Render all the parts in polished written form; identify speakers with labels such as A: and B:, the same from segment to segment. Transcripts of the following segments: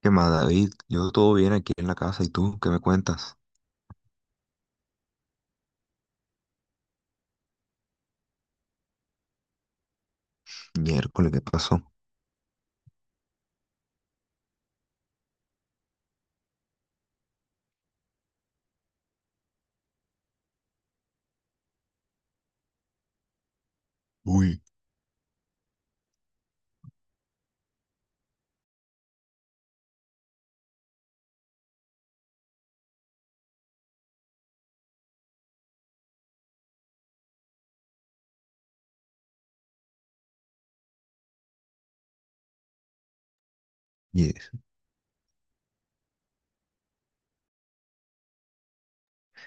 A: ¿Qué más, David? Yo todo bien aquí en la casa. ¿Y tú qué me cuentas? Miércoles, ¿qué pasó? Uy. Yes.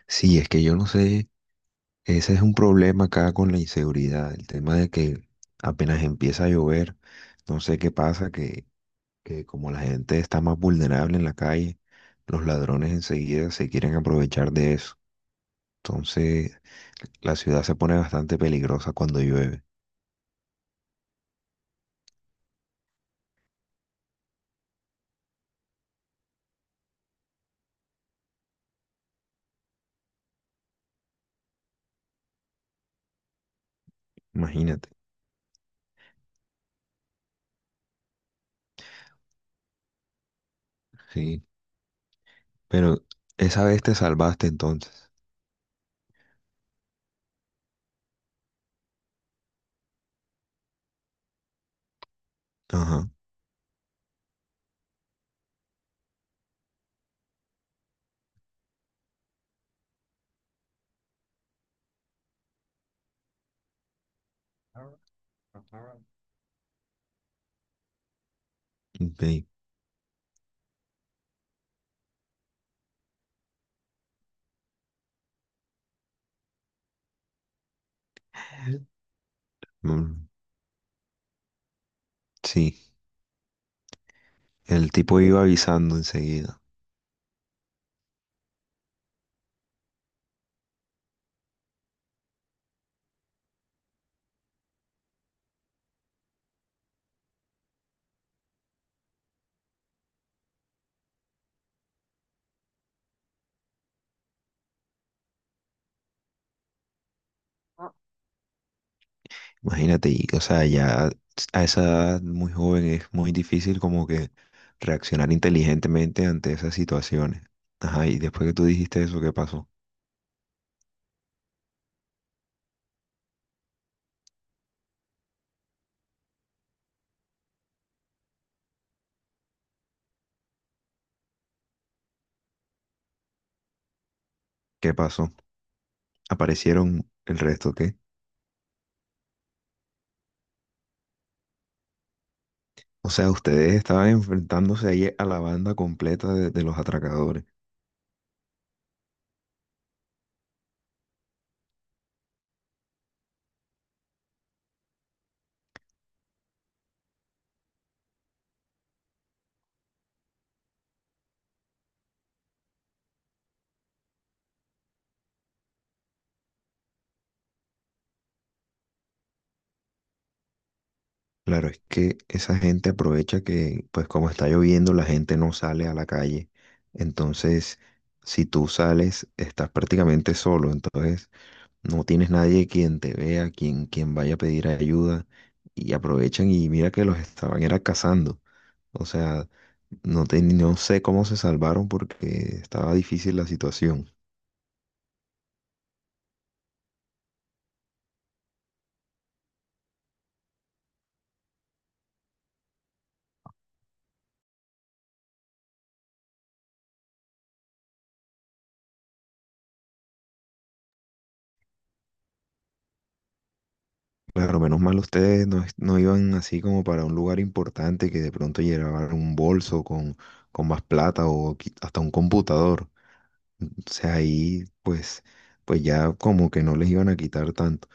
A: Sí, es que yo no sé. Ese es un problema acá con la inseguridad. El tema de que apenas empieza a llover, no sé qué pasa, que como la gente está más vulnerable en la calle, los ladrones enseguida se quieren aprovechar de eso. Entonces, la ciudad se pone bastante peligrosa cuando llueve. Imagínate. Sí. Pero esa vez te salvaste entonces. Ajá. Ajá. Ve, mm, sí, el tipo iba avisando enseguida. Imagínate, y, o sea, ya a esa edad muy joven es muy difícil como que reaccionar inteligentemente ante esas situaciones. Ajá, ¿y después que tú dijiste eso, qué pasó? ¿Qué pasó? ¿Aparecieron el resto, qué? O sea, ustedes estaban enfrentándose ahí a la banda completa de los atracadores. Claro, es que esa gente aprovecha que, pues como está lloviendo, la gente no sale a la calle. Entonces, si tú sales, estás prácticamente solo. Entonces, no tienes nadie quien te vea, quien, quien vaya a pedir ayuda. Y aprovechan y mira que los estaban era cazando. O sea, no, no sé cómo se salvaron porque estaba difícil la situación. Claro, menos mal ustedes no, no iban así como para un lugar importante que de pronto llevaban un bolso con más plata o hasta un computador. O sea, ahí pues, pues ya como que no les iban a quitar tanto.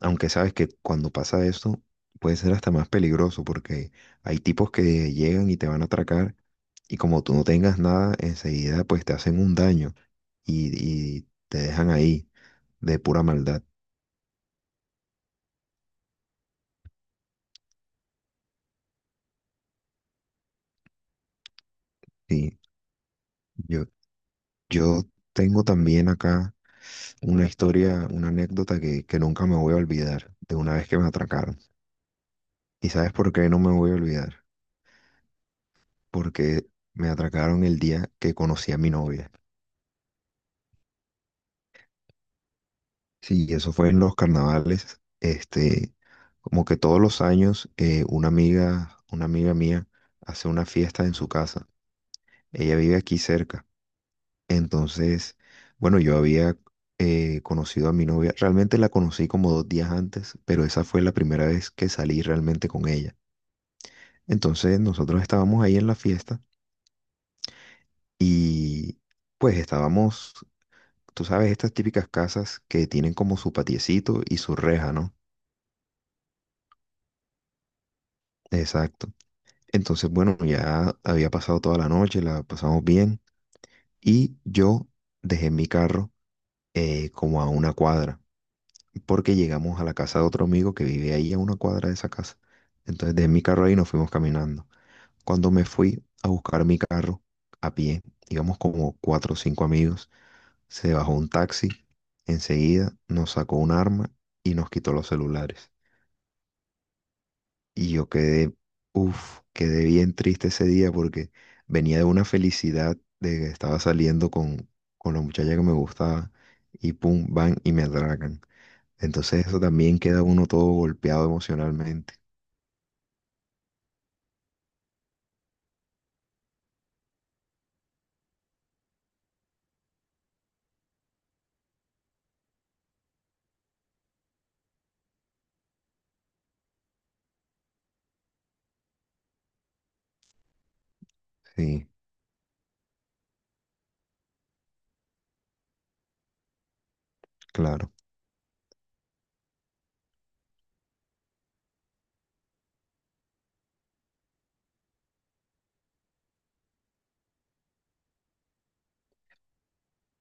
A: Aunque sabes que cuando pasa eso puede ser hasta más peligroso porque hay tipos que llegan y te van a atracar y como tú no tengas nada, enseguida pues te hacen un daño y te dejan ahí de pura maldad. Sí. yo Yo tengo también acá una historia, una anécdota que nunca me voy a olvidar de una vez que me atracaron. ¿Y sabes por qué no me voy a olvidar? Porque me atracaron el día que conocí a mi novia. Sí, eso fue en los carnavales. Este, como que todos los años una amiga mía hace una fiesta en su casa. Ella vive aquí cerca. Entonces, bueno, yo había conocido a mi novia, realmente la conocí como dos días antes, pero esa fue la primera vez que salí realmente con ella. Entonces, nosotros estábamos ahí en la fiesta y pues estábamos, tú sabes, estas típicas casas que tienen como su patiecito y su reja, ¿no? Exacto. Entonces, bueno, ya había pasado toda la noche, la pasamos bien y yo dejé mi carro como a una cuadra, porque llegamos a la casa de otro amigo que vive ahí a una cuadra de esa casa. Entonces dejé mi carro ahí y nos fuimos caminando. Cuando me fui a buscar mi carro a pie, íbamos como cuatro o cinco amigos, se bajó un taxi, enseguida nos sacó un arma y nos quitó los celulares. Y yo quedé, uff, quedé bien triste ese día porque venía de una felicidad de que estaba saliendo con la muchacha que me gustaba y pum, van y me atracan. Entonces eso también queda uno todo golpeado emocionalmente. Sí, claro.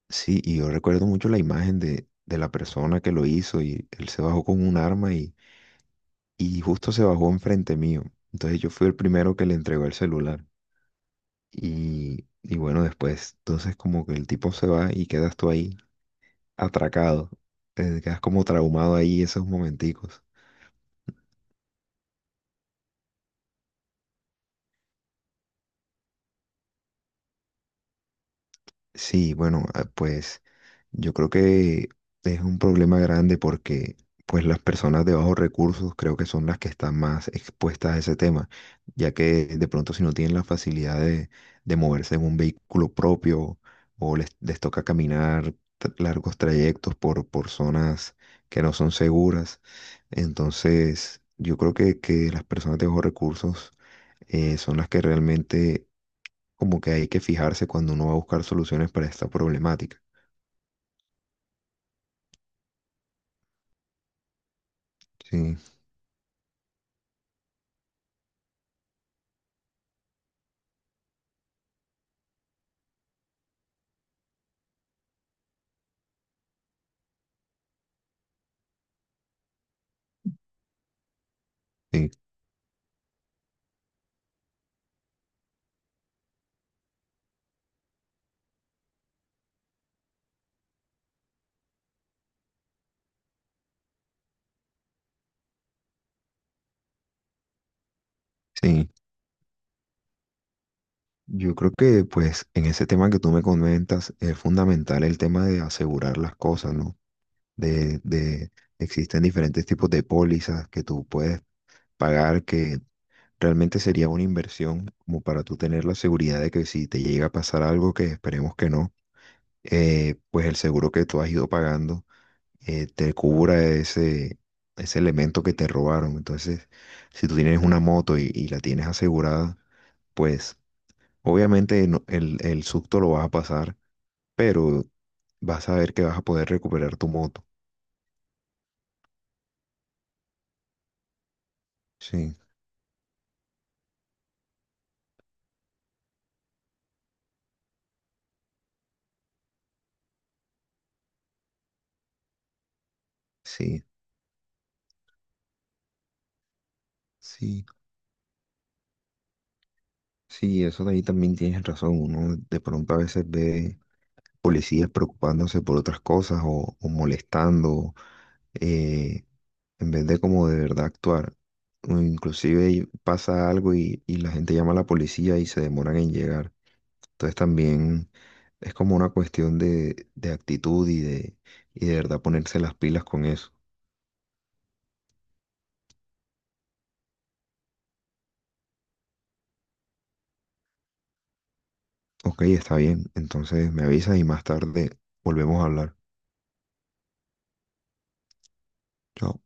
A: Sí, y yo recuerdo mucho la imagen de la persona que lo hizo y él se bajó con un arma y justo se bajó enfrente mío. Entonces yo fui el primero que le entregó el celular. Y bueno, después, entonces como que el tipo se va y quedas tú ahí atracado. Te quedas como traumado ahí esos momenticos. Sí, bueno, ah, pues yo creo que es un problema grande porque pues las personas de bajos recursos creo que son las que están más expuestas a ese tema, ya que de pronto si no tienen la facilidad de moverse en un vehículo propio o les toca caminar largos trayectos por zonas que no son seguras, entonces yo creo que las personas de bajos recursos son las que realmente como que hay que fijarse cuando uno va a buscar soluciones para esta problemática. Sí, sí, sí. Yo creo que pues en ese tema que tú me comentas es fundamental el tema de asegurar las cosas, ¿no? De existen diferentes tipos de pólizas que tú puedes pagar que realmente sería una inversión como para tú tener la seguridad de que si te llega a pasar algo, que esperemos que no, pues el seguro que tú has ido pagando te cubra ese, ese elemento que te robaron. Entonces, si tú tienes una moto y la tienes asegurada, pues obviamente el susto lo vas a pasar, pero vas a ver que vas a poder recuperar tu moto. Sí, sí, sí, sí, eso de ahí también tienes razón. Uno de pronto a veces ve policías preocupándose por otras cosas o molestando, eh, en vez de como de verdad actuar. O inclusive y pasa algo y la gente llama a la policía y se demoran en llegar. Entonces también es como una cuestión de actitud y de verdad ponerse las pilas con eso. Ok, está bien. Entonces me avisas y más tarde volvemos a hablar. Chao.